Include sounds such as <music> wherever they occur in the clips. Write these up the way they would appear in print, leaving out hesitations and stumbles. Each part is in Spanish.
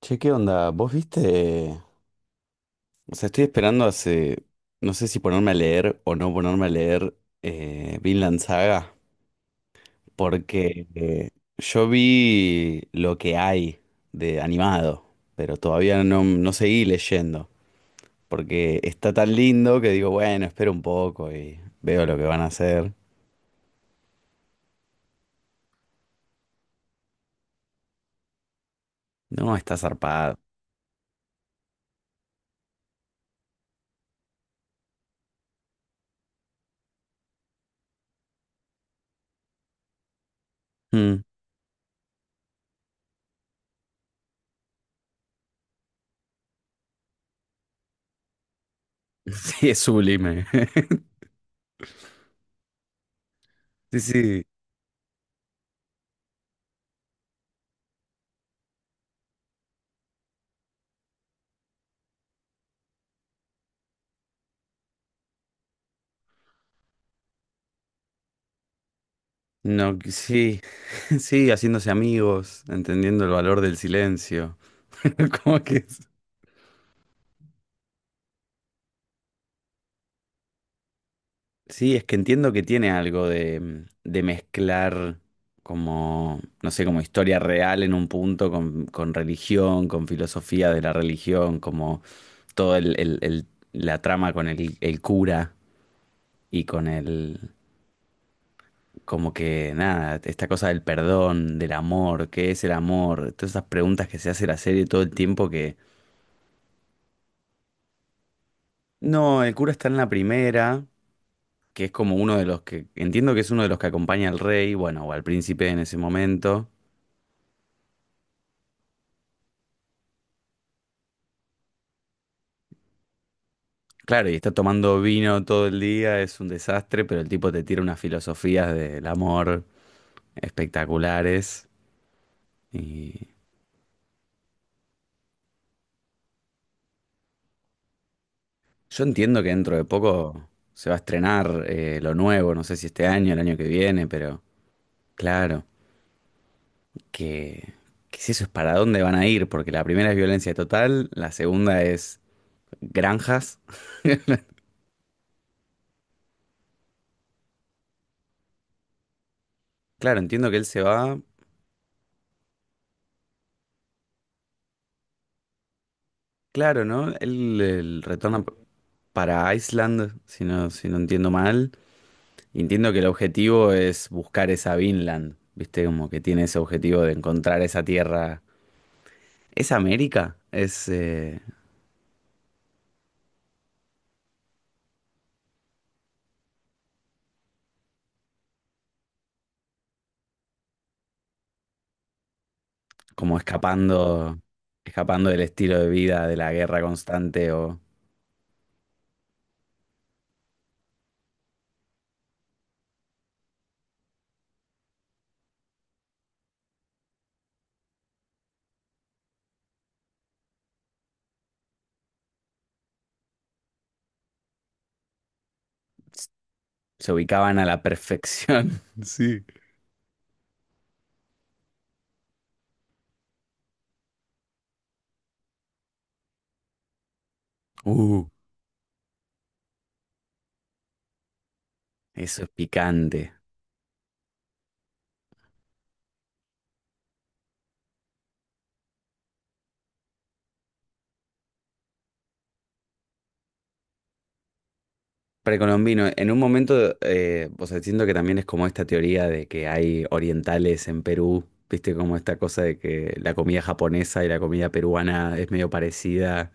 Che, ¿qué onda? ¿Vos viste? O sea, estoy esperando hace... No sé si ponerme a leer o no ponerme a leer Vinland Saga, porque yo vi lo que hay de animado, pero todavía no seguí leyendo, porque está tan lindo que digo, bueno, espero un poco y veo lo que van a hacer. No, está zarpado. Mm. <laughs> Sí, es sublime. <laughs> Sí, sí. No, que sí, <laughs> sí, haciéndose amigos, entendiendo el valor del silencio. <laughs> Como que es- Sí, es que entiendo que tiene algo de, de mezclar como, no sé, como historia real en un punto con religión, con filosofía de la religión, como todo la trama con el cura y con el, como que nada, esta cosa del perdón, del amor, ¿qué es el amor? Todas esas preguntas que se hace la serie todo el tiempo que no, el cura está en la primera, que es como uno de los que, entiendo que es uno de los que acompaña al rey, bueno, o al príncipe en ese momento. Claro, y está tomando vino todo el día, es un desastre, pero el tipo te tira unas filosofías del amor espectaculares. Y yo entiendo que dentro de poco se va a estrenar lo nuevo, no sé si este año, el año que viene, pero claro, que, que si eso es para dónde van a ir, porque la primera es violencia total, la segunda es granjas. Claro, entiendo que él se va. Claro, ¿no? Él, para Iceland, si no, si no entiendo mal. Y entiendo que el objetivo es buscar esa Vinland, ¿viste? Como que tiene ese objetivo de encontrar esa tierra. ¿Es América? Es como escapando, escapando del estilo de vida, de la guerra constante, o s- se ubicaban a la perfección. <laughs> Sí. Uh, eso es picante. Precolombino, en un momento, o sea, siento que también es como esta teoría de que hay orientales en Perú, viste, como esta cosa de que la comida japonesa y la comida peruana es medio parecida.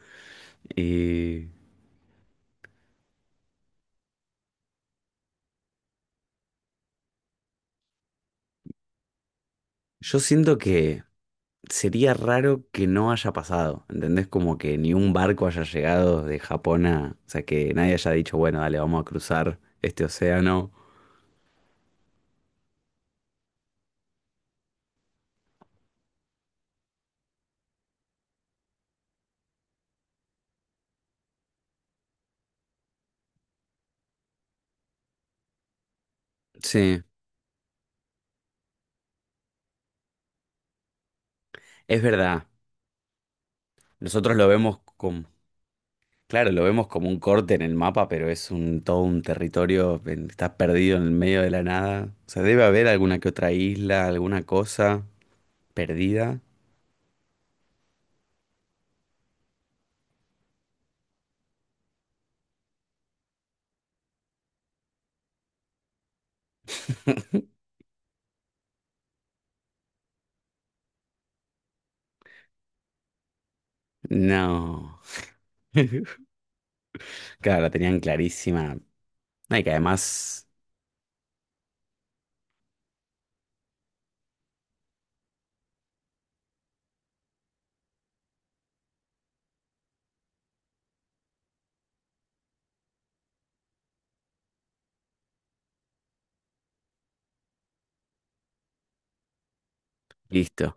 Y yo siento que sería raro que no haya pasado, ¿entendés? Como que ni un barco haya llegado de Japón a, o sea, que nadie haya dicho, bueno, dale, vamos a cruzar este océano. Sí, es verdad. Nosotros lo vemos claro, lo vemos como un corte en el mapa, pero es un todo un territorio, estás perdido en el medio de la nada. O sea, debe haber alguna que otra isla, alguna cosa perdida. No. <laughs> Claro, la tenían clarísima. Ay, que además, listo.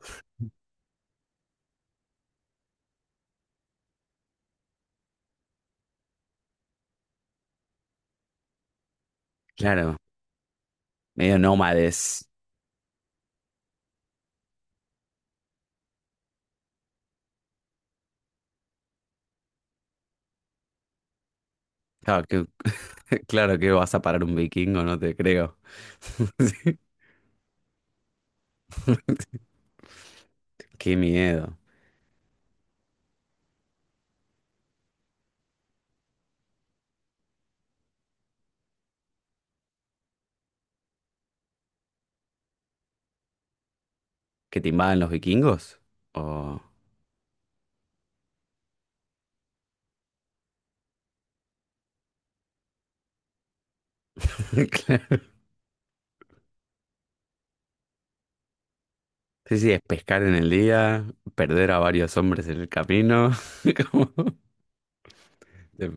Claro, medio nómades. Claro, que, <laughs> claro que vas a parar un vikingo, no te creo. <laughs> Qué miedo. ¿Que te invaden los vikingos? O... <laughs> Sí, sí, es pescar en el día, perder a varios hombres en el camino, <laughs> como te,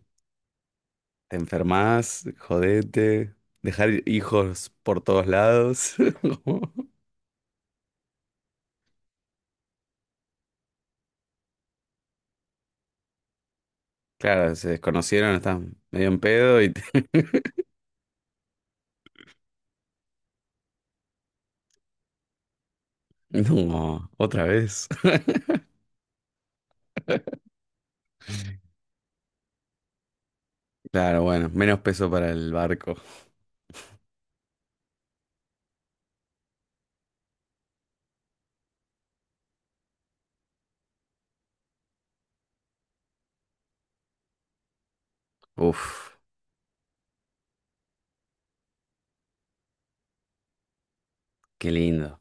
te enfermas, jodete, dejar hijos por todos lados. <laughs> como- Claro, se desconocieron, están medio en pedo y te... <laughs> No, otra vez. <laughs> Claro, bueno, menos peso para el barco. Uf, qué lindo.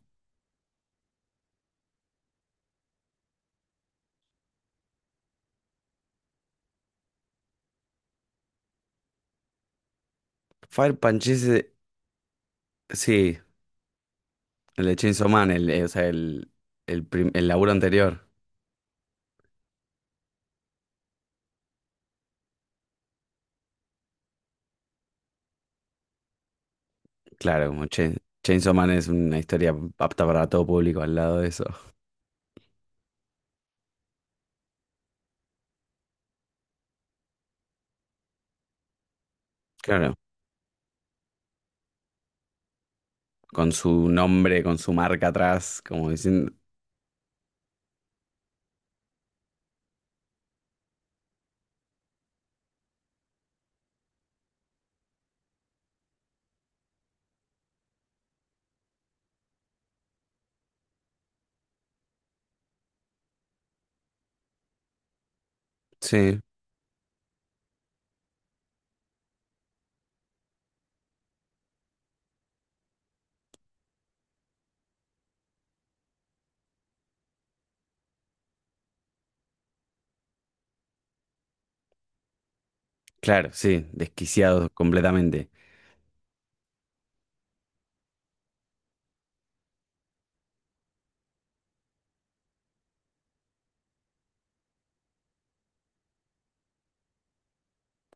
Fire Punch ese, sí, el de Chainsaw Man, o sea, el laburo anterior. Claro, Chainsaw Man es una historia apta para todo público al lado de eso. Claro, con su nombre, con su marca atrás, como diciendo. Sí, claro, sí, desquiciados completamente.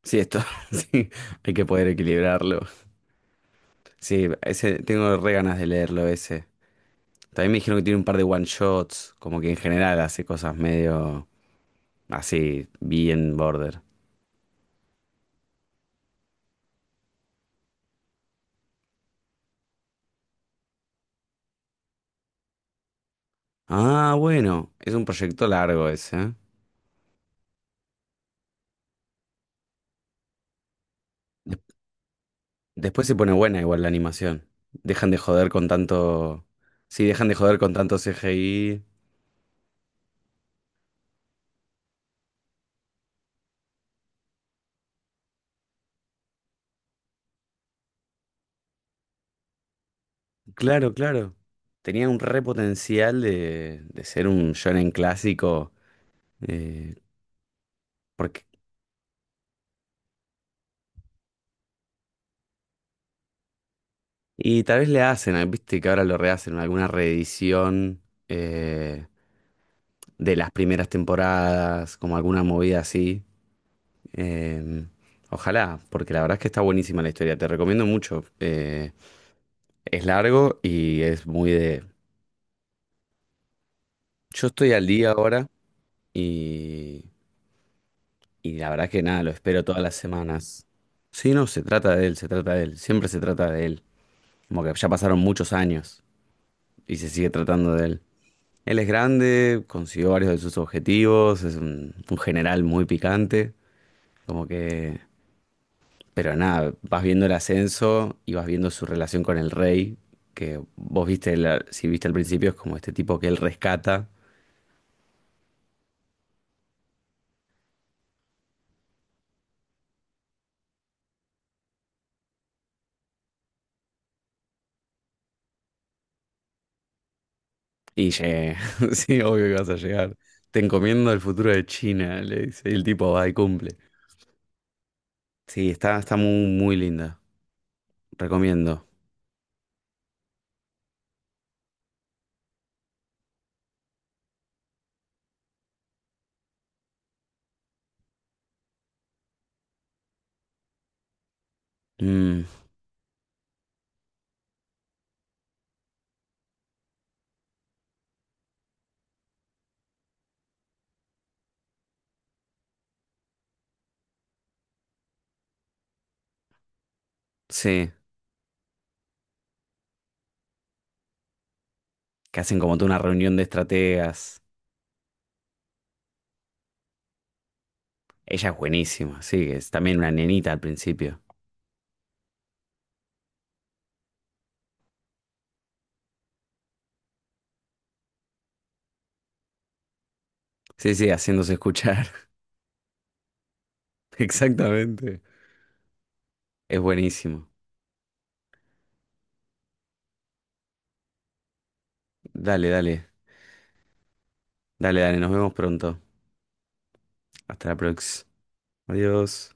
Sí, esto, <laughs> sí, hay que poder equilibrarlo. Sí, ese, tengo re ganas de leerlo ese. También me dijeron que tiene un par de one shots, como que en general hace cosas medio así, bien border. Ah, bueno, es un proyecto largo ese, ¿eh? Después se pone buena igual la animación. Dejan de joder con tanto. Sí, dejan de joder con tanto CGI. Claro, claro. Tenía un re potencial de ser un shonen clásico. eh, Porque... y tal vez le hacen, ah, viste que ahora lo rehacen, alguna reedición eh, de las primeras temporadas, como alguna movida así. Em, Ojalá, porque la verdad es que está buenísima la historia. Te recomiendo mucho. Es largo y es muy de yo estoy al día ahora y, y la verdad que nada, lo espero todas las semanas. Sí, no, se trata de él, se trata de él, siempre se trata de él. Como que ya pasaron muchos años y se sigue tratando de él. Él es grande, consiguió varios de sus objetivos, es un general muy picante, como que... Pero nada, vas viendo el ascenso y vas viendo su relación con el rey, que vos viste, si viste al principio, es como este tipo que él rescata y llegué. <laughs> Sí, obvio que vas a llegar. Te encomiendo el futuro de China, le dice. Y el tipo va y cumple. Sí, está, está muy, muy linda. Recomiendo. Mm, sí, que hacen como toda una reunión de estrategas. Ella es buenísima, sí, que es también una nenita al principio. Sí, sí, haciéndose escuchar. <laughs> Exactamente. Es buenísimo. Dale, dale. Dale, dale. Nos vemos pronto. Hasta la próxima. Adiós.